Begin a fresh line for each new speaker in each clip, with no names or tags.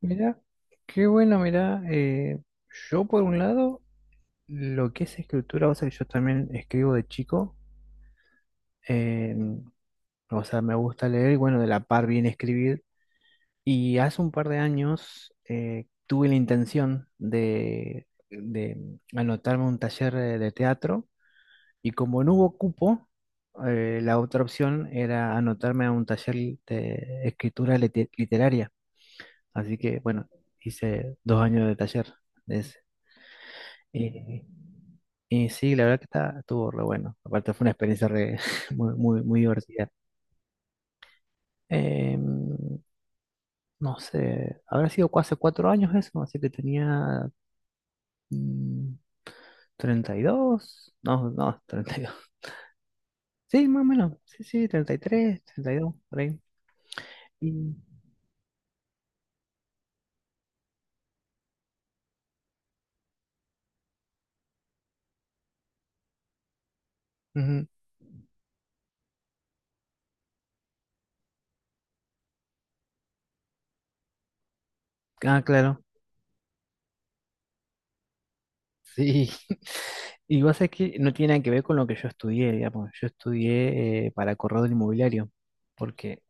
Mira, qué bueno, mira, yo por un lado, lo que es escritura, o sea, yo también escribo de chico, eh, o sea, me gusta leer, y bueno, de la par bien escribir, y hace un par de años tuve la intención de anotarme a un taller de teatro, y como no hubo cupo, la otra opción era anotarme a un taller de escritura literaria, así que bueno, hice dos años de taller de ese. Y, y sí, la verdad que estuvo re bueno. Aparte fue una experiencia re- muy, muy, muy divertida. Em, no sé, habrá hace cuatro años eso, así que tenía mm, treinta y dos, no, no, treinta y dos. Sí, más o menos, sí, sí, 33, 32, por ahí. Y, ujú, Ah, claro, sí. Y vos sabés que no tiene nada que ver con lo que yo estudié, digamos. Yo estudié para corredor inmobiliario, porque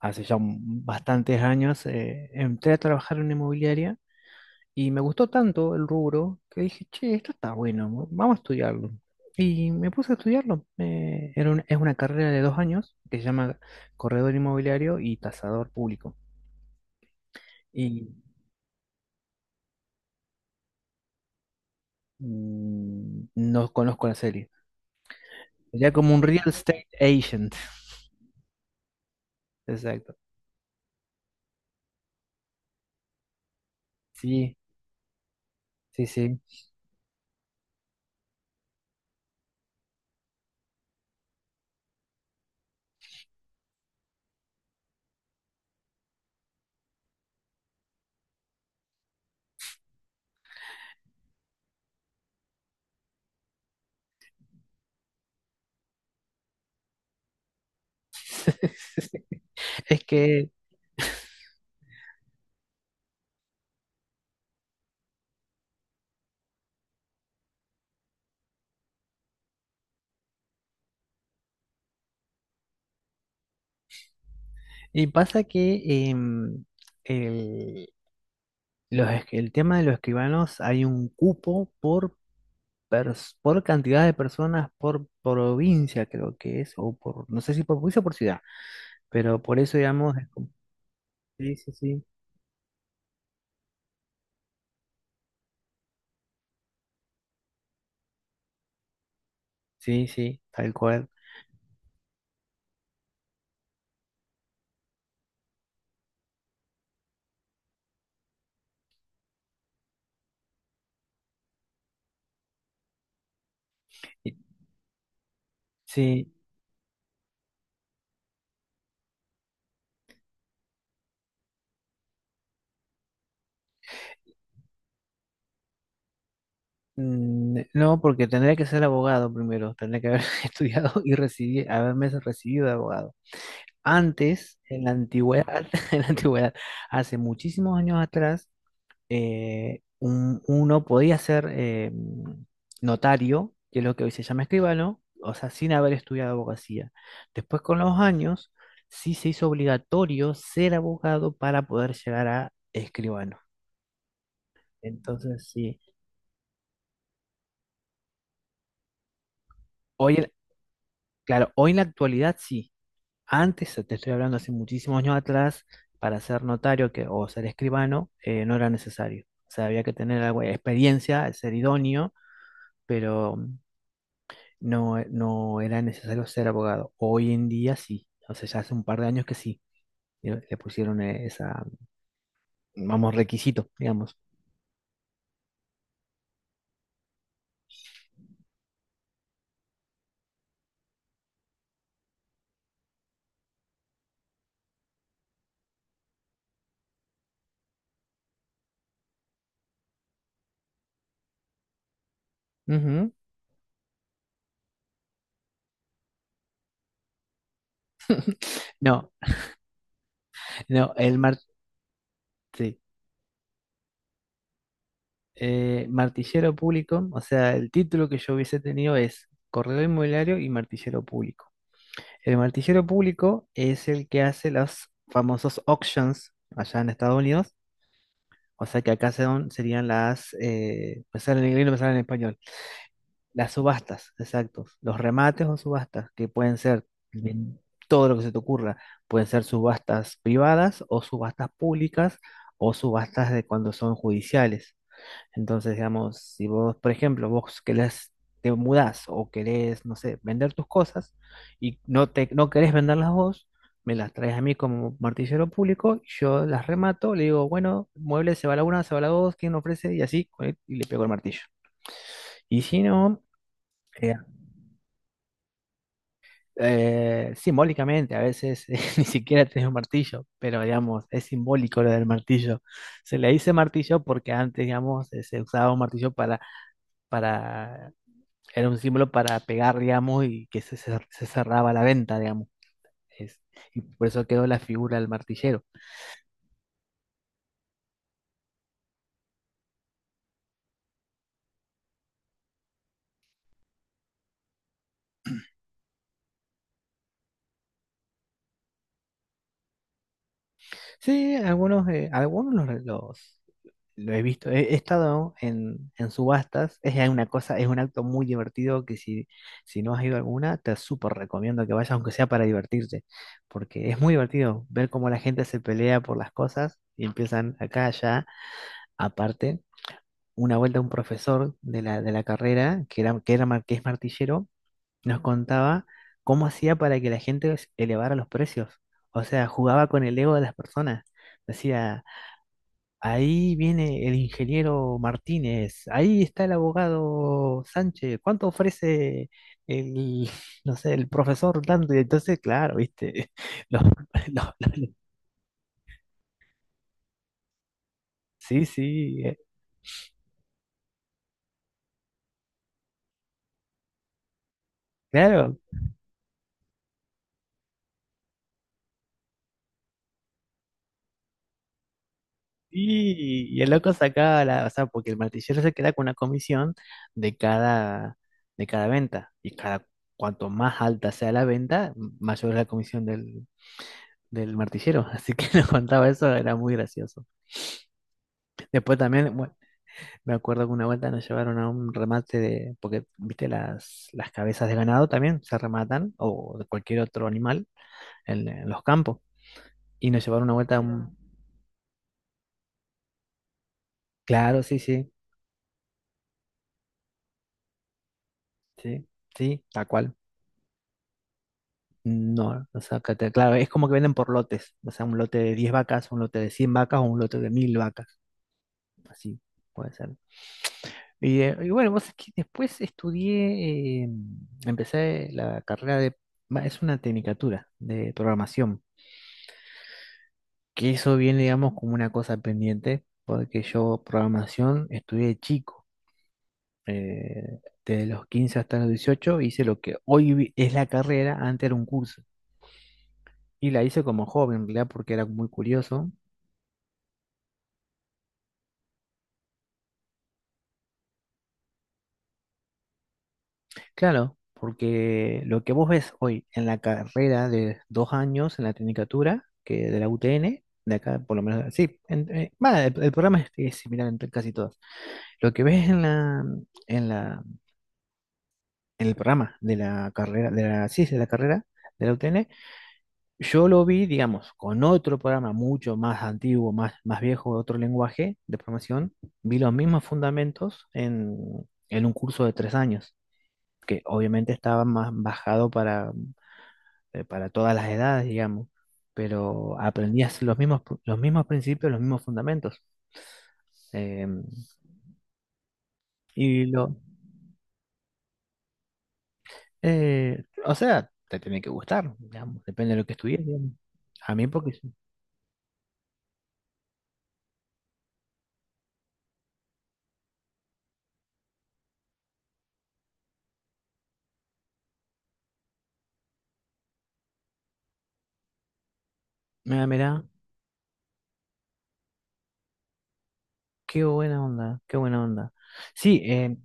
hace ya bastantes años, entré a trabajar en una inmobiliaria y me gustó tanto el rubro que dije, che, esto está bueno, vamos a estudiarlo. Y me puse a estudiarlo. Es una carrera de dos años que se llama corredor inmobiliario y tasador público. Y no conozco la serie. Sería como un real estate agent. Exacto. Sí, sí, sí. Es que, y pasa que em, el- el tema de los escribanos, hay un cupo por cantidad de personas por provincia, creo que es, o por, no sé si por provincia o por ciudad, pero por eso, digamos, es como- sí, sí, sí, sí, sí, tal cual. Y- Sí, no, porque tendría que ser abogado primero, tendría que haber haberme recibido de abogado. Antes, en la antigüedad, en la antigüedad, hace muchísimos años atrás, uno podía ser notario, que es lo que hoy se llama escribano, o sea, sin haber estudiado abogacía. Después, con los años, sí se hizo obligatorio ser abogado para poder llegar a escribano. Entonces, sí. Hoy, en- claro, hoy en la actualidad sí. Antes, te estoy hablando hace muchísimos años atrás, para ser notario que, o ser escribano, no era necesario. O sea, había que tener algo de experiencia, ser idóneo, pero no, no era necesario ser abogado. Hoy en día sí, o sea, ya hace un par de años que sí, le pusieron esa, vamos, requisito, digamos. Ujú. No, no, sí, martillero público, o sea, el título que yo hubiese tenido es corredor inmobiliario y martillero público. El martillero público es el que hace los famosos auctions allá en Estados Unidos, o sea que acá serían las, me sale en inglés, no me sale en español. Las subastas, exacto. Los remates o subastas, que pueden ser de todo lo que se te ocurra. Pueden ser subastas privadas o subastas públicas o subastas de cuando son judiciales. Entonces, digamos, si vos, por ejemplo, vos querés, te mudás o querés, no sé, vender tus cosas y no, no querés venderlas vos, me las traes a mí como martillero público, yo las remato, le digo, bueno, mueble se va la una, se va la dos, ¿quién ofrece? Y así, y le pego el martillo. Y si no, eh, simbólicamente, a veces ni siquiera tenés un martillo, pero digamos, es simbólico lo del martillo. Se le dice martillo porque antes, digamos, se usaba un martillo para era un símbolo para pegar, digamos, y que se cerraba la venta, digamos. Es- y por eso quedó la figura del martillero. Sí, algunos, algunos lo he visto, he estado en subastas, es ya una cosa, es un acto muy divertido que si, si no has ido a alguna, te súper recomiendo que vayas, aunque sea para divertirte, porque es muy divertido ver cómo la gente se pelea por las cosas y empiezan acá, allá, aparte. Una vuelta un profesor de la carrera, que es martillero, nos contaba cómo hacía para que la gente elevara los precios. O sea, jugaba con el ego de las personas. Decía, ahí viene el ingeniero Martínez, ahí está el abogado Sánchez, ¿cuánto ofrece el, no sé, el profesor tanto? Y entonces, claro, viste, los- los- los- sí, sí, claro, y el loco sacaba la, o sea, porque el martillero se queda con una comisión de cada, de cada venta, y cada, cuanto más alta sea la venta, mayor es la comisión del martillero, así que nos contaba eso, era muy gracioso. Después también, bueno, me acuerdo que una vuelta nos llevaron a un remate de, porque, viste, las cabezas de ganado también se rematan, o de cualquier otro animal, en los campos. Y nos llevaron una vuelta a un... Claro, sí, sí, sí, sí, tal cual. No, o sea, claro, es como que venden por lotes, o sea, un lote de 10 vacas, un lote de 100 vacas o un lote de 1000 vacas, así puede ser. Y bueno, vos sabés que después estudié, empecé la carrera de, va, es una tecnicatura de programación, que eso viene, digamos, como una cosa pendiente, porque yo programación estudié de chico, eh, desde los 15 hasta los 18 hice lo que es la carrera, antes era un curso, y la hice como joven, en realidad, porque era muy curioso. Claro, porque lo que vos ves hoy en la carrera de dos años, en la tecnicatura, que de la UTN, de acá, por lo menos, sí, va, el programa es similar entre casi todos. Lo que ves en la en el programa de la carrera, sí, de la carrera de la UTN, yo lo vi, digamos, con otro programa mucho más antiguo, más, más viejo, otro lenguaje de programación, vi los mismos fundamentos en un curso de tres años, que obviamente estaba más bajado para todas las edades, digamos, pero aprendías los mismos principios, los mismos fundamentos. Eh, y lo, o sea, te tiene que gustar, digamos, depende de lo que estudies, digamos. A mí porque sí. Mira, mira, qué buena onda, qué buena onda. Sí, eh,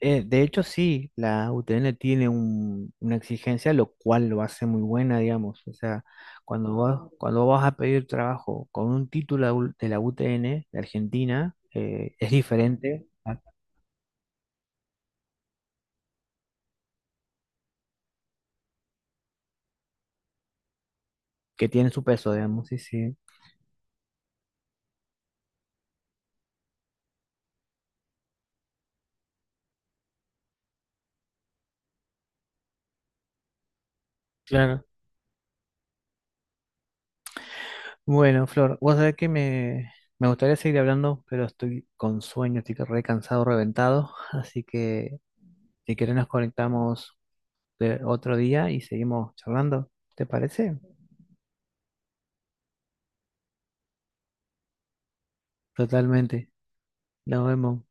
eh, de hecho sí, la UTN tiene una exigencia, lo cual lo hace muy buena, digamos. O sea, cuando vas a pedir trabajo con un título de la UTN de Argentina, es diferente a que tiene su peso, digamos, sí, sí. Claro. Bueno, Flor, vos sabés me gustaría seguir hablando, pero estoy con sueño, estoy re cansado, reventado, así que si querés nos conectamos de otro día y seguimos charlando, ¿te parece? Totalmente, nos vemos.